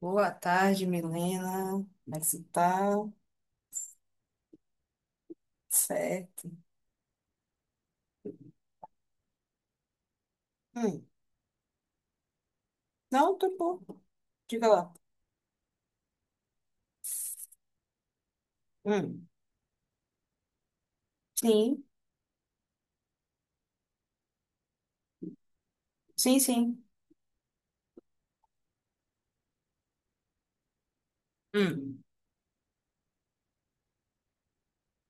Boa tarde, Milena. Como é que você tá? Certo. Hum. Não, tô bom. Diga lá. Hum. Sim, sim, sim. Hum.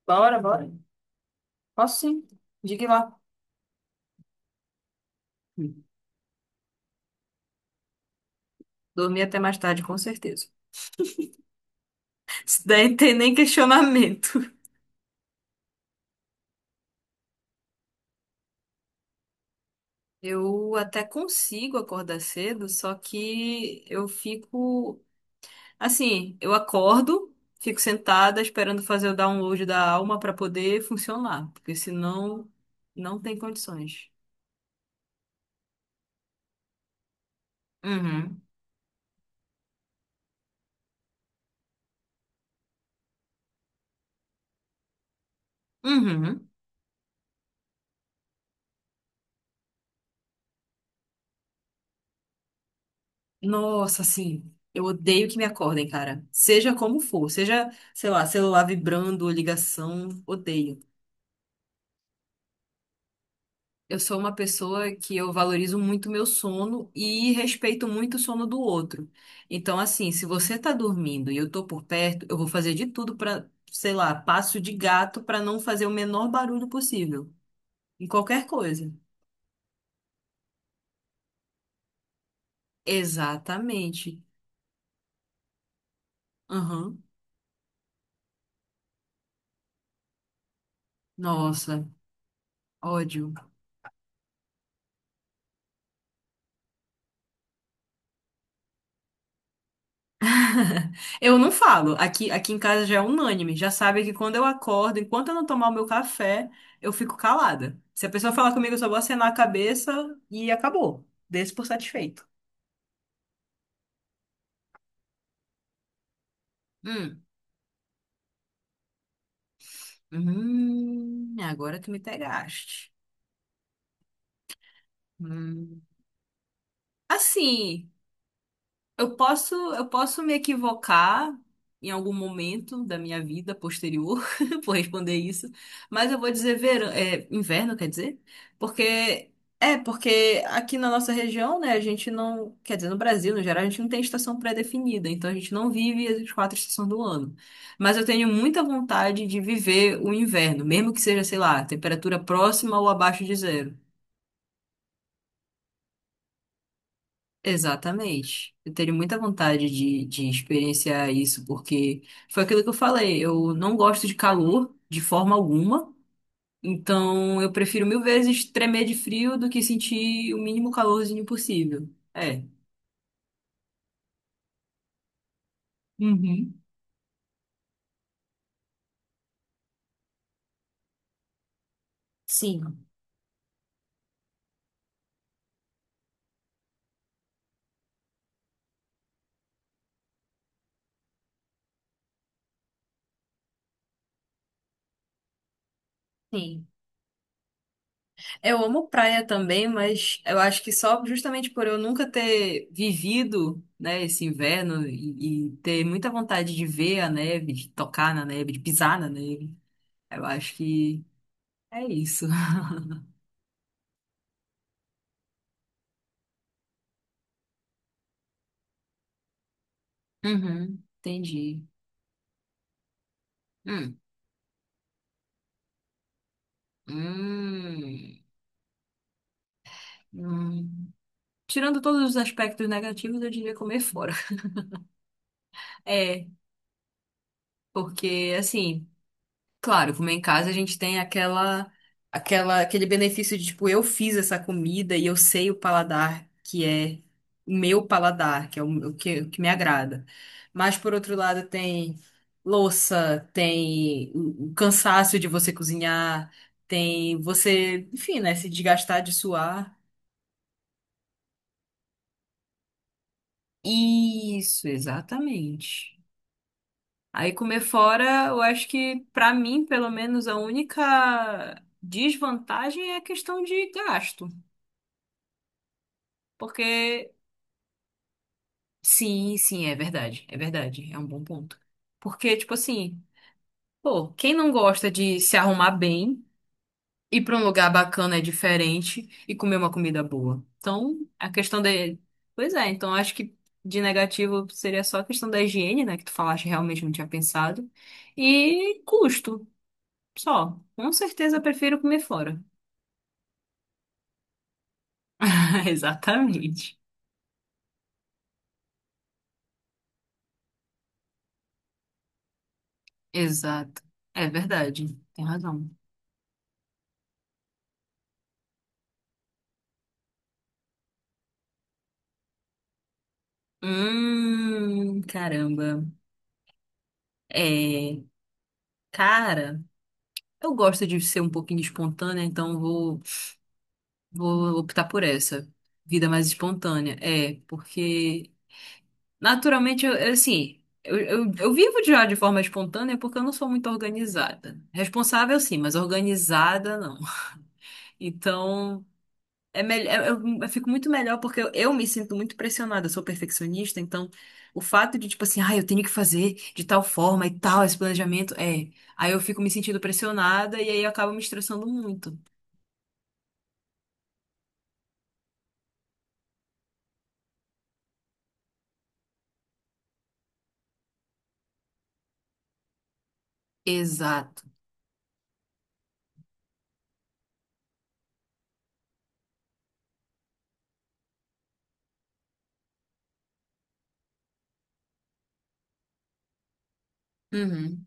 Bora, bora. Posso sim. Diga lá. Hum. Dormi até mais tarde, com certeza. Isso daí não tem nem questionamento. Eu até consigo acordar cedo, só que eu fico assim, eu acordo, fico sentada esperando fazer o download da alma para poder funcionar, porque senão não tem condições. Uhum. Uhum. Nossa, assim, eu odeio que me acordem, cara. Seja como for, seja, sei lá, celular vibrando, ligação, odeio. Eu sou uma pessoa que eu valorizo muito meu sono e respeito muito o sono do outro. Então, assim, se você tá dormindo e eu tô por perto, eu vou fazer de tudo pra, sei lá, passo de gato pra não fazer o menor barulho possível em qualquer coisa. Exatamente. Aham. Nossa, ódio. Eu não falo. Aqui em casa já é unânime. Já sabe que quando eu acordo, enquanto eu não tomar o meu café, eu fico calada. Se a pessoa falar comigo, eu só vou acenar a cabeça e acabou. Desse por satisfeito. Hum. Agora tu me pegaste. Hum. Assim. Eu posso me equivocar em algum momento da minha vida posterior por responder isso, mas eu vou dizer verão, é, inverno, quer dizer? Porque É porque aqui na nossa região, né, a gente não, quer dizer, no Brasil, no geral, a gente não tem estação pré-definida, então a gente não vive as quatro estações do ano. Mas eu tenho muita vontade de viver o inverno, mesmo que seja, sei lá, temperatura próxima ou abaixo de zero. Exatamente. Eu teria muita vontade de experienciar isso, porque foi aquilo que eu falei. Eu não gosto de calor de forma alguma, então eu prefiro mil vezes tremer de frio do que sentir o mínimo calorzinho possível. É. Uhum. Sim, sim. Eu amo praia também, mas eu acho que só justamente por eu nunca ter vivido, né, esse inverno e ter muita vontade de ver a neve, de tocar na neve, de pisar na neve, eu acho que. É isso. Uhum, entendi. Hum, hum, hum. Tirando todos os aspectos negativos, eu diria comer fora. É, porque assim. Claro, comer em casa a gente tem aquele benefício de, tipo, eu fiz essa comida e eu sei o paladar que é o meu paladar, que é o que me agrada. Mas, por outro lado, tem louça, tem o cansaço de você cozinhar, tem você, enfim, né, se desgastar de suar. Isso, exatamente. Aí comer fora, eu acho que pra mim, pelo menos, a única desvantagem é a questão de gasto. Porque sim, sim, é verdade, é verdade, é um bom ponto. Porque tipo assim, pô, quem não gosta de se arrumar bem, ir pra um lugar bacana é diferente e comer uma comida boa. Então, a questão da Pois é, então acho que de negativo seria só a questão da higiene, né, que tu falaste, realmente não tinha pensado. E custo. Só, com certeza eu prefiro comer fora. Exatamente. Exato. É verdade. Tem razão. Caramba. É, cara, eu gosto de ser um pouquinho espontânea, então vou optar por essa. Vida mais espontânea. É, porque naturalmente, assim, eu vivo já de forma espontânea porque eu não sou muito organizada. Responsável, sim, mas organizada, não. Então. É melhor, eu fico muito melhor porque eu me sinto muito pressionada, eu sou perfeccionista, então o fato de, tipo assim, ah, eu tenho que fazer de tal forma e tal, esse planejamento, é. Aí eu fico me sentindo pressionada e aí eu acabo me estressando muito. Exato. Uhum.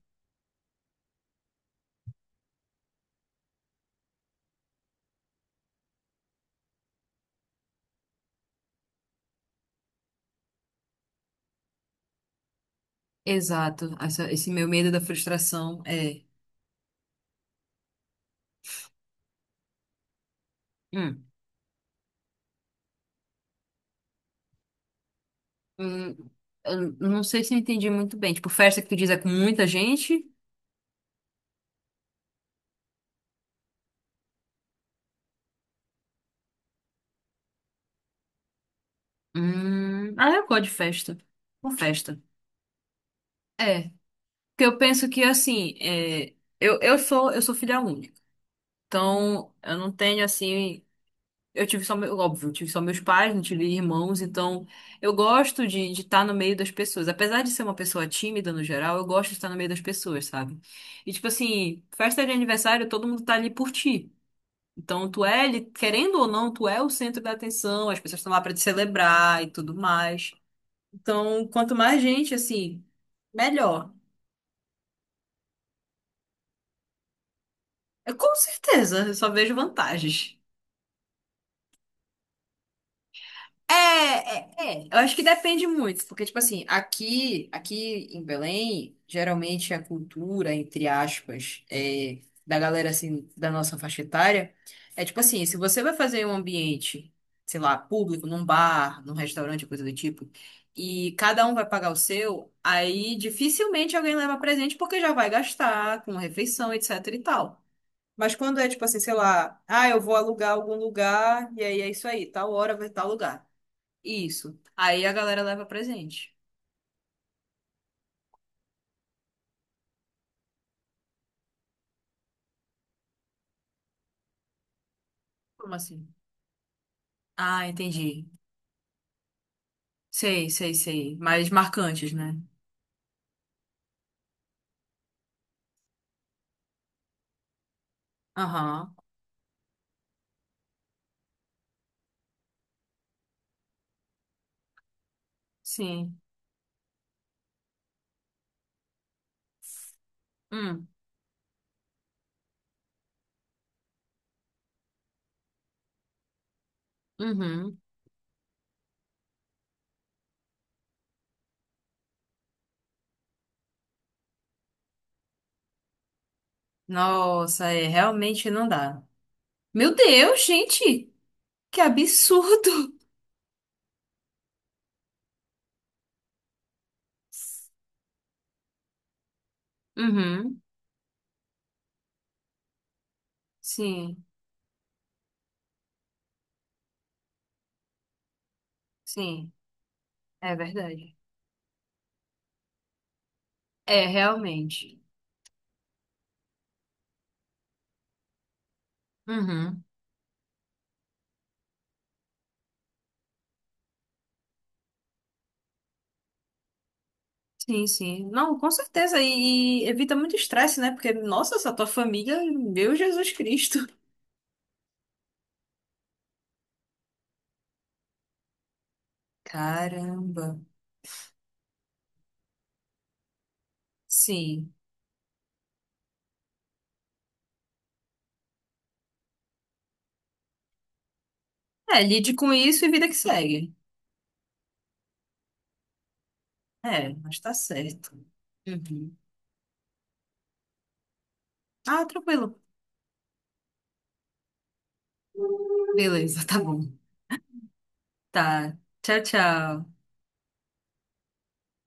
Exato. Esse meu medo da frustração é. Hum. Hum. Eu não sei se eu entendi muito bem. Tipo, festa que tu diz é com muita gente? Hum. Ah, eu gosto de festa. Com festa. É. Porque eu penso que, assim, é, eu sou filha única. Então, eu não tenho, assim. Eu tive só, meu, óbvio, eu tive só meus pais, não tive irmãos. Então, eu gosto de estar no meio das pessoas. Apesar de ser uma pessoa tímida no geral, eu gosto de estar no meio das pessoas, sabe? E, tipo assim, festa de aniversário, todo mundo tá ali por ti. Então, tu é, querendo ou não, tu é o centro da atenção, as pessoas estão lá pra te celebrar e tudo mais. Então, quanto mais gente, assim, melhor. Eu, com certeza, eu só vejo vantagens. É, é, é. Eu acho que depende muito, porque, tipo assim, aqui em Belém, geralmente a cultura, entre aspas, é, da galera, assim, da nossa faixa etária, é tipo assim, se você vai fazer em um ambiente, sei lá, público, num bar, num restaurante, coisa do tipo, e cada um vai pagar o seu, aí dificilmente alguém leva presente porque já vai gastar com refeição, etc e tal. Mas quando é tipo assim, sei lá, ah, eu vou alugar algum lugar, e aí é isso aí, tal hora vai tal lugar. Isso. Aí a galera leva presente. Como assim? Ah, entendi. Sei, sei, sei. Mais marcantes, né? Aham. Sim. Hum. Uhum. Nossa, é, realmente não dá. Meu Deus, gente! Que absurdo! Uhum. Sim, sim. É verdade. É, realmente. Uhum. Sim, sim. Não, com certeza. E evita muito estresse, né? Porque, nossa, essa tua família, meu Jesus Cristo. Caramba. Sim. É, lide com isso e vida que segue. É, mas tá certo. Uhum. Ah, tranquilo. Beleza, tá bom. Tá. Tchau, tchau.